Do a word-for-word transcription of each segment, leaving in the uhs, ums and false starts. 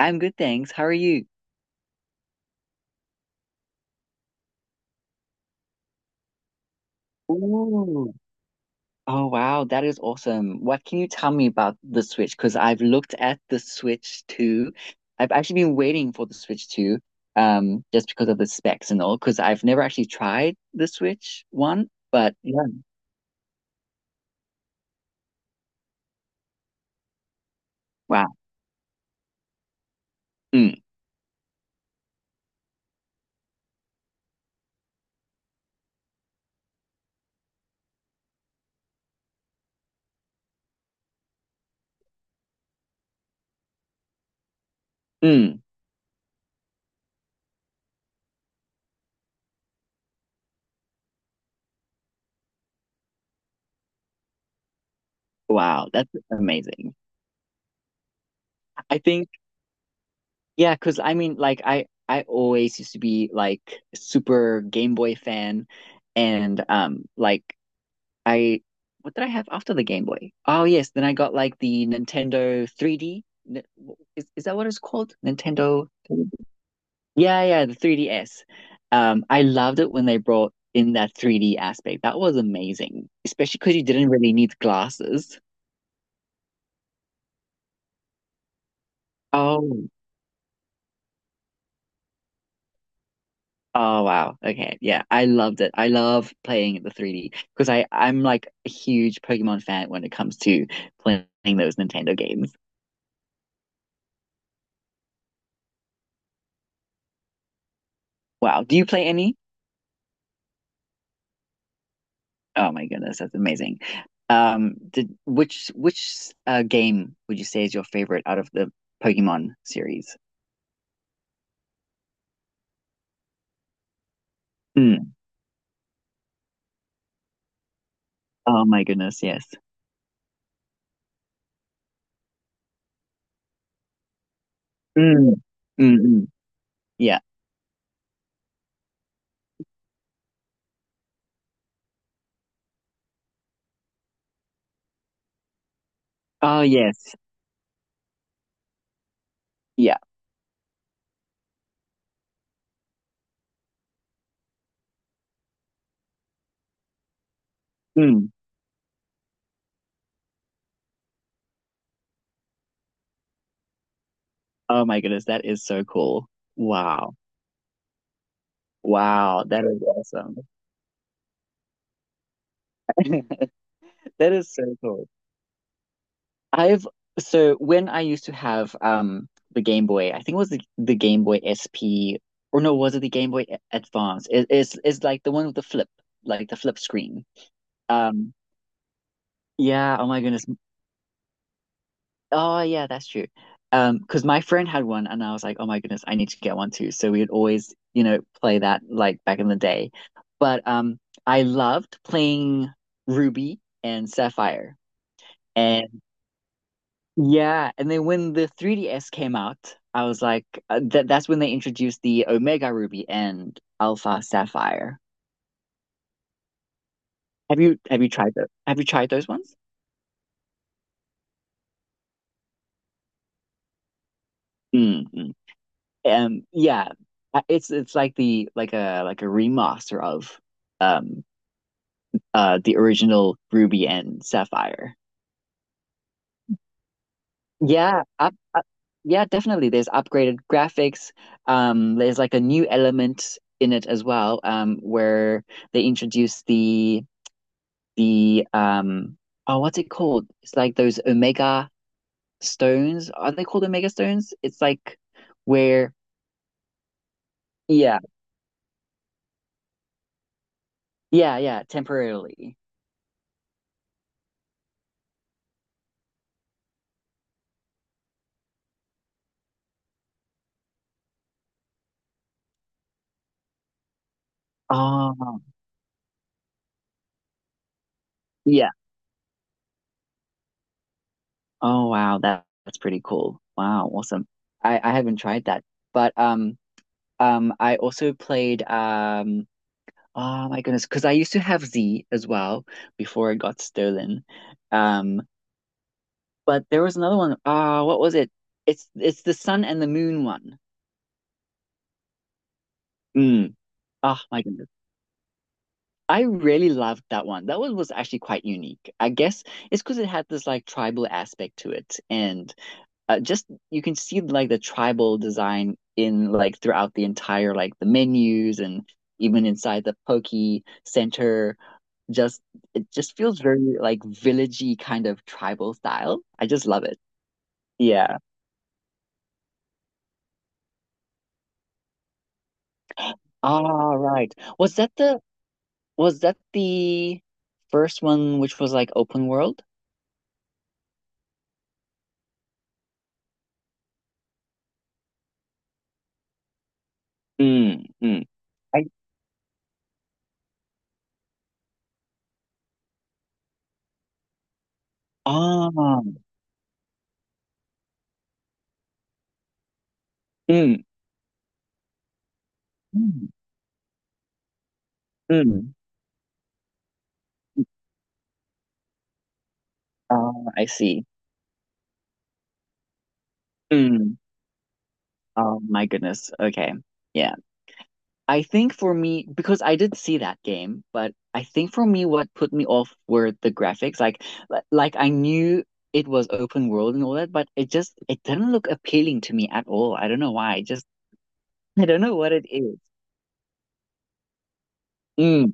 I'm good, thanks. How are you? Ooh. Oh, wow. That is awesome. What can you tell me about the Switch? Because I've looked at the Switch two. I've actually been waiting for the Switch two, um, just because of the specs and all, because I've never actually tried the Switch one. But yeah, wow. Mm, mm, wow. That's amazing. I think, yeah, because I mean, like, I, I always used to be like super Game Boy fan. And um like I what did I have after the Game Boy? Oh yes, then I got like the Nintendo three D. N- w- Is is that what it's called? Nintendo. Yeah, yeah, the three D S. Um, I loved it when they brought in that three D aspect. That was amazing, especially because you didn't really need glasses. Oh, oh wow. Okay, yeah, I loved it. I love playing the three D because I I'm like a huge Pokemon fan when it comes to playing those Nintendo games. Wow, do you play any? Oh my goodness, that's amazing. Um, did which which uh, game would you say is your favorite out of the Pokemon series? Mm. Oh my goodness, yes. Mm. Mm, mm. Yeah. Oh yes. Yeah. Mm. Oh my goodness, that is so cool. Wow. Wow, that is awesome. That is so cool. I've so when I used to have um the Game Boy, I think it was the, the Game Boy S P or no, was it the Game Boy A- Advance? It, it's it's like the one with the flip, like the flip screen. Um yeah, oh my goodness. Oh yeah, that's true. Um, because my friend had one and I was like, oh my goodness, I need to get one too. So we would always, you know, play that like back in the day. But um I loved playing Ruby and Sapphire. And. Yeah, and then when the three D S came out, I was like, uh, that that's when they introduced the Omega Ruby and Alpha Sapphire. Have you have you tried those? Have you tried those ones? Mm, mm. Um, yeah. Uh, it's it's like the like a like a remaster of um uh the original Ruby and Sapphire. Yeah, up, up, yeah, definitely. There's upgraded graphics. Um, there's like a new element in it as well. Um, where they introduce the the um, oh what's it called? It's like those Omega stones. Are they called Omega stones? It's like where, yeah, yeah, yeah, temporarily. Oh yeah. Oh wow, that that's pretty cool. Wow, awesome. I I haven't tried that. But um um I also played um oh my goodness, because I used to have Z as well before it got stolen. Um, but there was another one. Ah, what was it? It's it's the sun and the moon one. Mm. Oh my goodness. I really loved that one. That one was actually quite unique. I guess it's because it had this like tribal aspect to it. And uh, just you can see like the tribal design in like throughout the entire like the menus and even inside the Poke Center. Just it just feels very like villagey kind of tribal style. I just love it. Yeah. All right. Was that the was that the first one which was like open world? Mm, mm. Ah, mm, mm, mm. Uh, I see. Mm. Oh my goodness. Okay. Yeah. I think for me, because I did see that game, but I think for me, what put me off were the graphics. Like, li- like I knew it was open world and all that, but it just it didn't look appealing to me at all. I don't know why. I just I don't know what it is. Mm,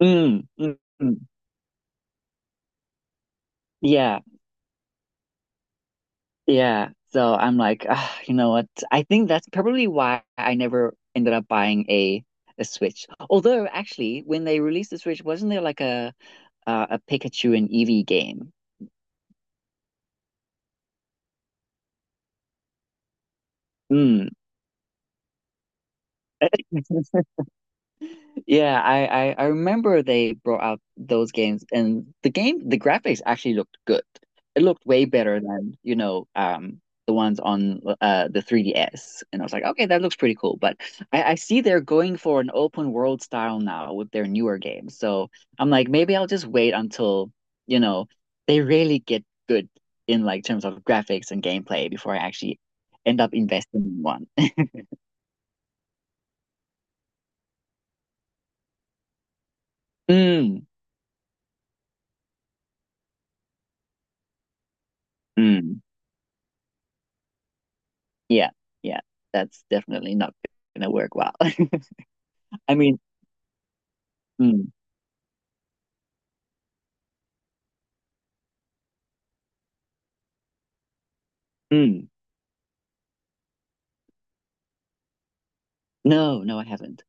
mm, mm, mm. Yeah. Yeah. So I'm like, ah, you know what? I think that's probably why I never ended up buying a a Switch. Although actually, when they released the Switch, wasn't there like a uh, a Pikachu and Eevee game? Mm. Yeah, I, I I remember they brought out those games, and the game, the graphics actually looked good. It looked way better than, you know, um, the ones on uh the three D S. And I was like, okay, that looks pretty cool. But I, I see they're going for an open world style now with their newer games. So I'm like, maybe I'll just wait until, you know, they really get good in like terms of graphics and gameplay before I actually end up investing in one. Mm, mm. Yeah, yeah, that's definitely not gonna work well. I mean, mm, mm, no, no, I haven't.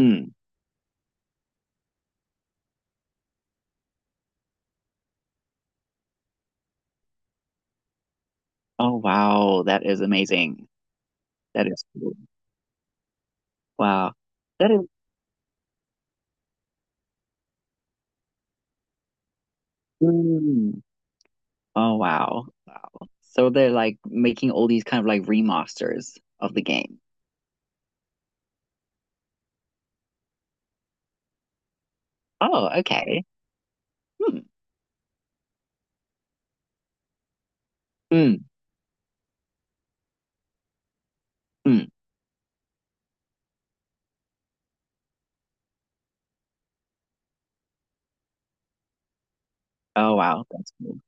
Mm. Oh wow, that is amazing. That is cool. Wow, that is. Mm. Oh wow, wow. So they're like making all these kind of like remasters of the game. Oh, okay. Hmm. Mm, mm. Oh wow, that's cool.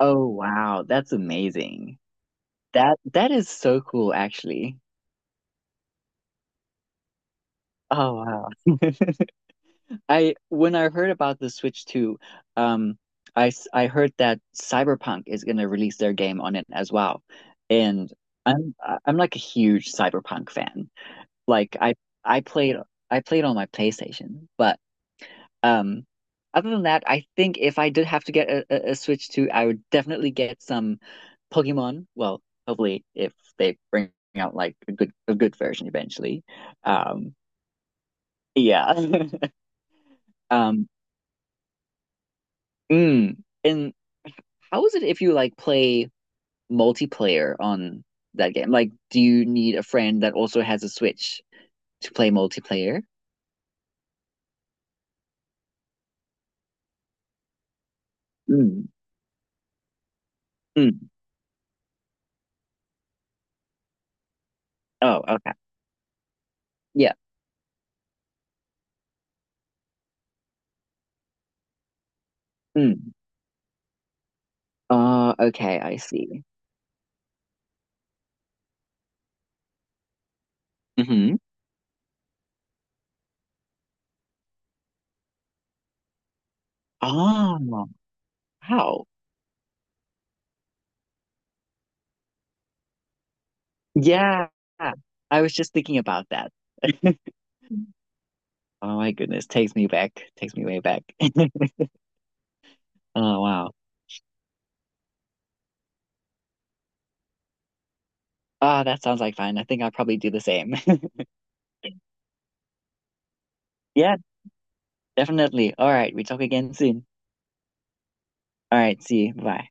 Oh wow, that's amazing. That that is so cool, actually. Oh wow. I when I heard about the Switch two, um, I s- I heard that Cyberpunk is going to release their game on it as well. And I'm I- I'm like a huge Cyberpunk fan. Like I I played I played on my PlayStation, but um other than that, I think if I did have to get a, a, a Switch two, I would definitely get some Pokemon. Well, hopefully if they bring out like a good a good version eventually. Um yeah. Um mm. And how is it if you like play multiplayer on that game? Like, do you need a friend that also has a Switch to play multiplayer? Mm. Mm. Oh, okay. Yeah. Mm. Uh, okay, I see. Mm-hmm. Oh, wow. Yeah. I was just thinking about that. Oh my goodness, takes me back, takes me way back. Oh wow. Ah, that sounds like fun. I think I'll probably do the same. Yeah, definitely. All right, we talk again soon. All right, see you. Bye.